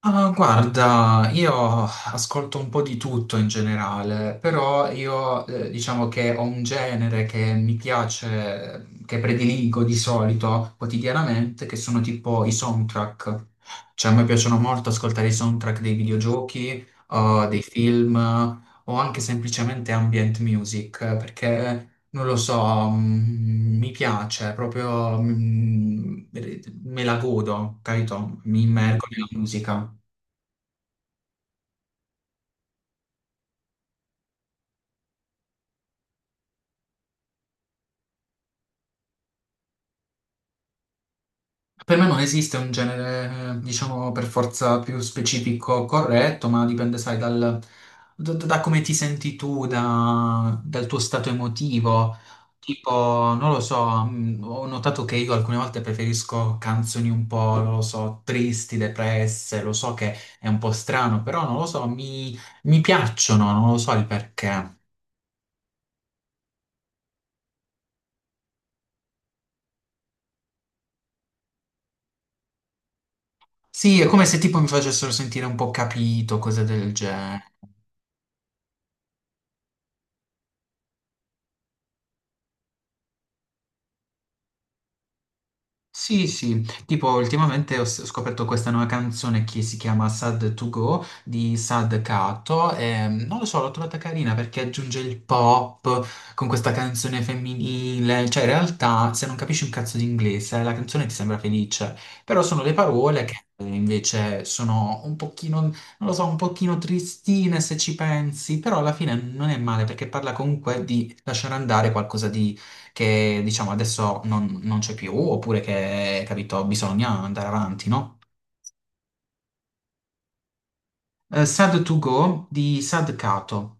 Ah, guarda, io ascolto un po' di tutto in generale, però io diciamo che ho un genere che mi piace, che prediligo di solito quotidianamente, che sono tipo i soundtrack. Cioè, a me piacciono molto ascoltare i soundtrack dei videogiochi, o dei film, o anche semplicemente ambient music, perché non lo so, mi piace proprio, me la godo, capito? Mi immergo nella musica. Per me non esiste un genere, diciamo, per forza più specifico corretto, ma dipende, sai, da come ti senti tu, dal tuo stato emotivo. Tipo, non lo so, ho notato che io alcune volte preferisco canzoni un po', non lo so, tristi, depresse, lo so che è un po' strano, però non lo so, mi piacciono, non lo so il perché. Sì, è come se tipo mi facessero sentire un po' capito, cose del genere. Sì, sì, tipo ultimamente scoperto questa nuova canzone che si chiama Sad to Go di Sad Kato e non lo so, l'ho trovata carina perché aggiunge il pop con questa canzone femminile, cioè in realtà se non capisci un cazzo di inglese la canzone ti sembra felice, però sono le parole che invece sono un pochino, non lo so, un pochino tristine se ci pensi, però alla fine non è male perché parla comunque di lasciare andare qualcosa che diciamo adesso non c'è più, oppure che, capito, bisogna andare avanti, no? Sad to Go di Sad Kato.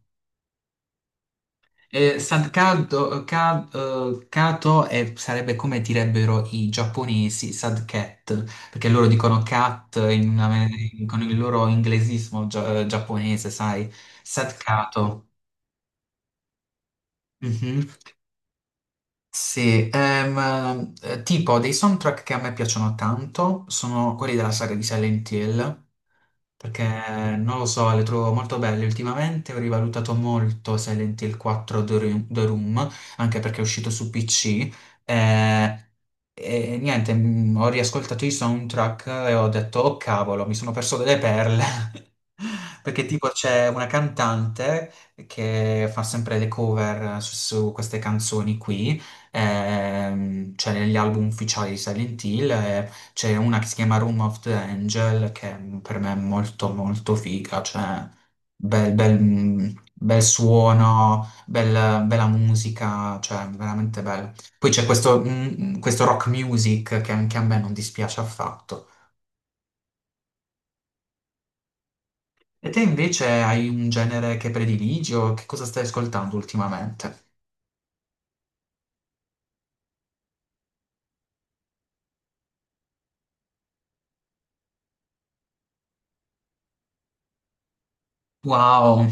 Sad Kato, Kato sarebbe come direbbero i giapponesi, Sad Cat, perché loro dicono cat con il loro inglesismo giapponese, sai? Sad Kato. Mhm. Sì, tipo dei soundtrack che a me piacciono tanto sono quelli della saga di Silent Hill, perché non lo so, le trovo molto belle. Ultimamente ho rivalutato molto Silent Hill 4 The Room, anche perché è uscito su PC. eh, E niente, ho riascoltato i soundtrack e ho detto, oh cavolo, mi sono perso delle perle. Perché tipo c'è una cantante che fa sempre le cover su queste canzoni qui, cioè negli album ufficiali di Silent Hill, e c'è una che si chiama Room of the Angel, che per me è molto molto figa, cioè bel suono, bella musica, cioè veramente bello. Poi c'è questo rock music che anche a me non dispiace affatto. E te invece hai un genere che prediligi o che cosa stai ascoltando ultimamente? Wow,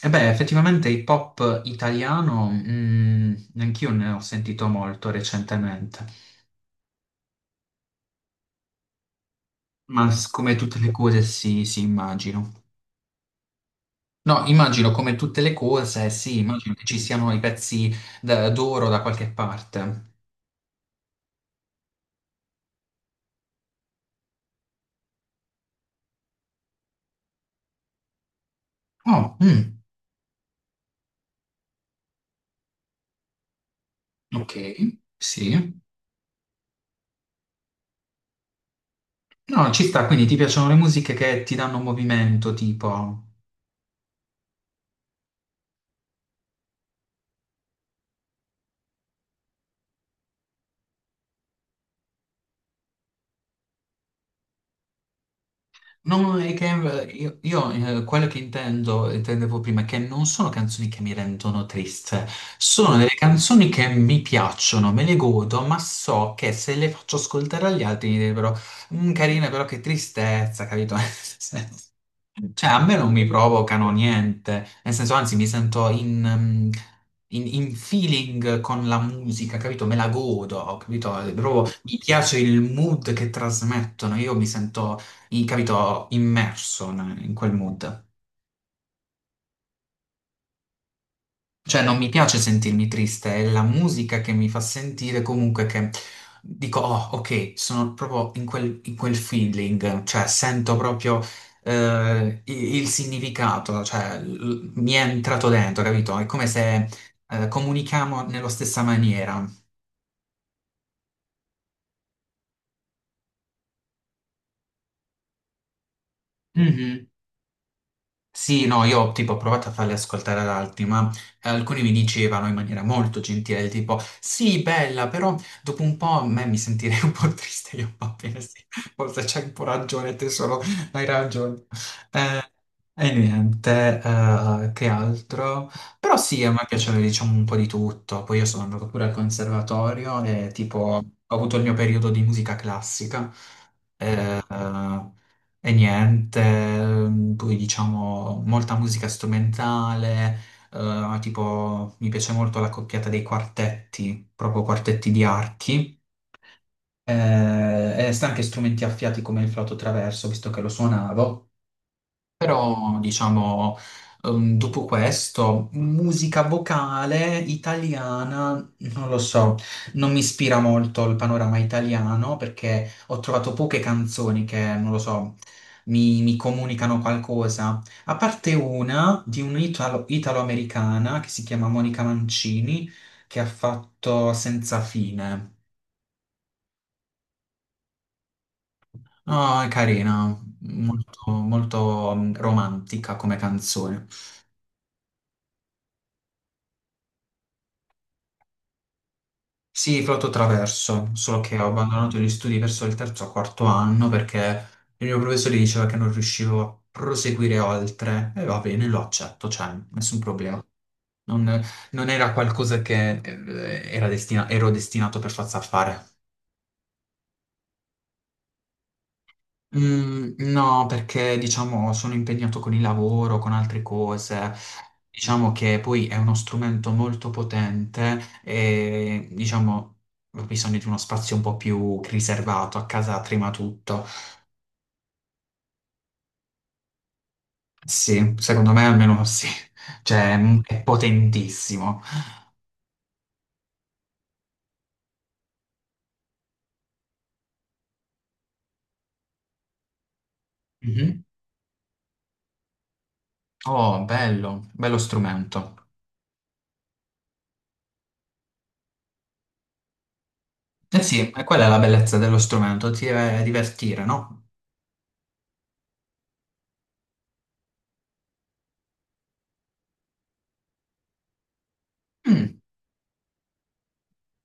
e beh, effettivamente hip hop italiano, mm, anch'io ne ho sentito molto recentemente. Ma come tutte le cose, sì, sì, immagino. No, immagino come tutte le cose, sì, immagino che ci siano i pezzi d'oro da qualche parte. Oh, mm, ok, sì. No, ci sta, quindi ti piacciono le musiche che ti danno movimento, tipo... No, no, è che io, quello che intendevo prima, è che non sono canzoni che mi rendono triste, sono delle canzoni che mi piacciono, me le godo, ma so che se le faccio ascoltare agli altri mi direbbero, "Mm, carina, però che tristezza, capito? Nel senso- cioè, a me non mi provocano niente, nel senso, anzi, mi sento in feeling con la musica, capito? Me la godo, capito? È proprio mi piace il mood che trasmettono, io mi sento capito, immerso in quel mood. Cioè, non mi piace sentirmi triste, è la musica che mi fa sentire comunque che dico, oh, ok, sono proprio in quel feeling, cioè sento proprio il significato, cioè mi è entrato dentro, capito? È come se comunichiamo nella stessa maniera. Mhm. Sì, no, io tipo ho provato a farle ascoltare ad altri, ma alcuni mi dicevano in maniera molto gentile, tipo, sì, bella, però dopo un po' a me mi sentirei un po' triste, io va bene, sì, forse c'hai un po' ragione, te solo hai ragione. E niente, che altro? Però sì, a me piaceva, diciamo, un po' di tutto, poi io sono andato pure al conservatorio e tipo ho avuto il mio periodo di musica classica. Eh, e niente, poi diciamo molta musica strumentale, tipo mi piace molto la coppiata dei quartetti, proprio quartetti di archi, e sta anche strumenti affiati come il flauto traverso, visto che lo suonavo. Però, diciamo, dopo questo, musica vocale italiana, non lo so, non mi ispira molto il panorama italiano perché ho trovato poche canzoni che, non lo so, mi comunicano qualcosa. A parte una di italo-americana che si chiama Monica Mancini, che ha fatto Senza fine. Ah, è carina, molto romantica come canzone. Sì, flauto traverso, solo che ho abbandonato gli studi verso il terzo o quarto anno perché il mio professore diceva che non riuscivo a proseguire oltre. E va bene, lo accetto, cioè, nessun problema. Non, non era qualcosa che ero destinato per forza a fare. Mm, no, perché diciamo sono impegnato con il lavoro, con altre cose. Diciamo che poi è uno strumento molto potente e diciamo ho bisogno di uno spazio un po' più riservato. A casa prima tutto. Sì, secondo me almeno sì. Cioè, è potentissimo. Mhm. Oh, bello, bello strumento. Eh sì, e quella è la bellezza dello strumento, ti deve divertire, no? Mm,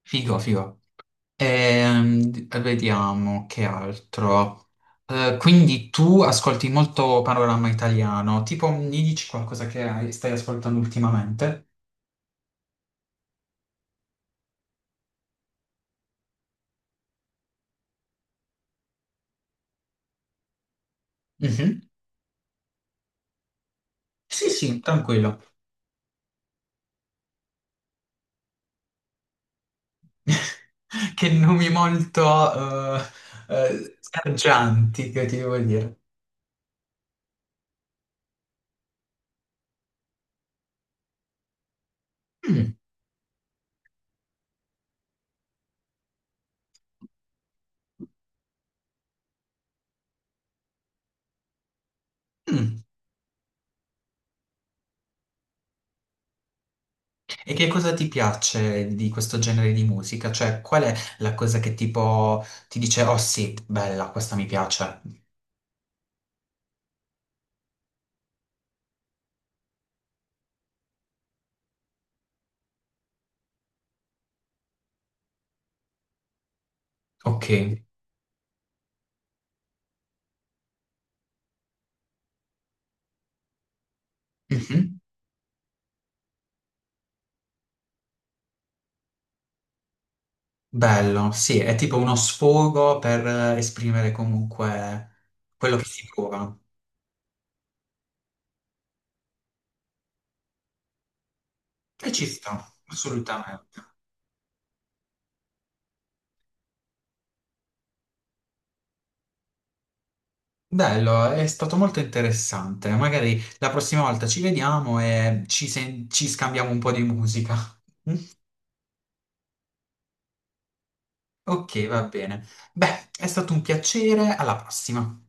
figo, figo. Vediamo che altro. Quindi tu ascolti molto panorama italiano, tipo mi dici qualcosa che stai ascoltando ultimamente? Mhm. Sì, sì, tranquillo. Che nomi molto eh sgargianti, che ti devo dire. Mm, mm. E che cosa ti piace di questo genere di musica? Cioè, qual è la cosa che tipo ti dice, oh sì, bella, questa mi piace? Ok. Mhm. Bello, sì, è tipo uno sfogo per esprimere comunque quello che si prova. E ci sta, assolutamente. Bello, è stato molto interessante. Magari la prossima volta ci vediamo e ci scambiamo un po' di musica. Ok, va bene. Beh, è stato un piacere, alla prossima.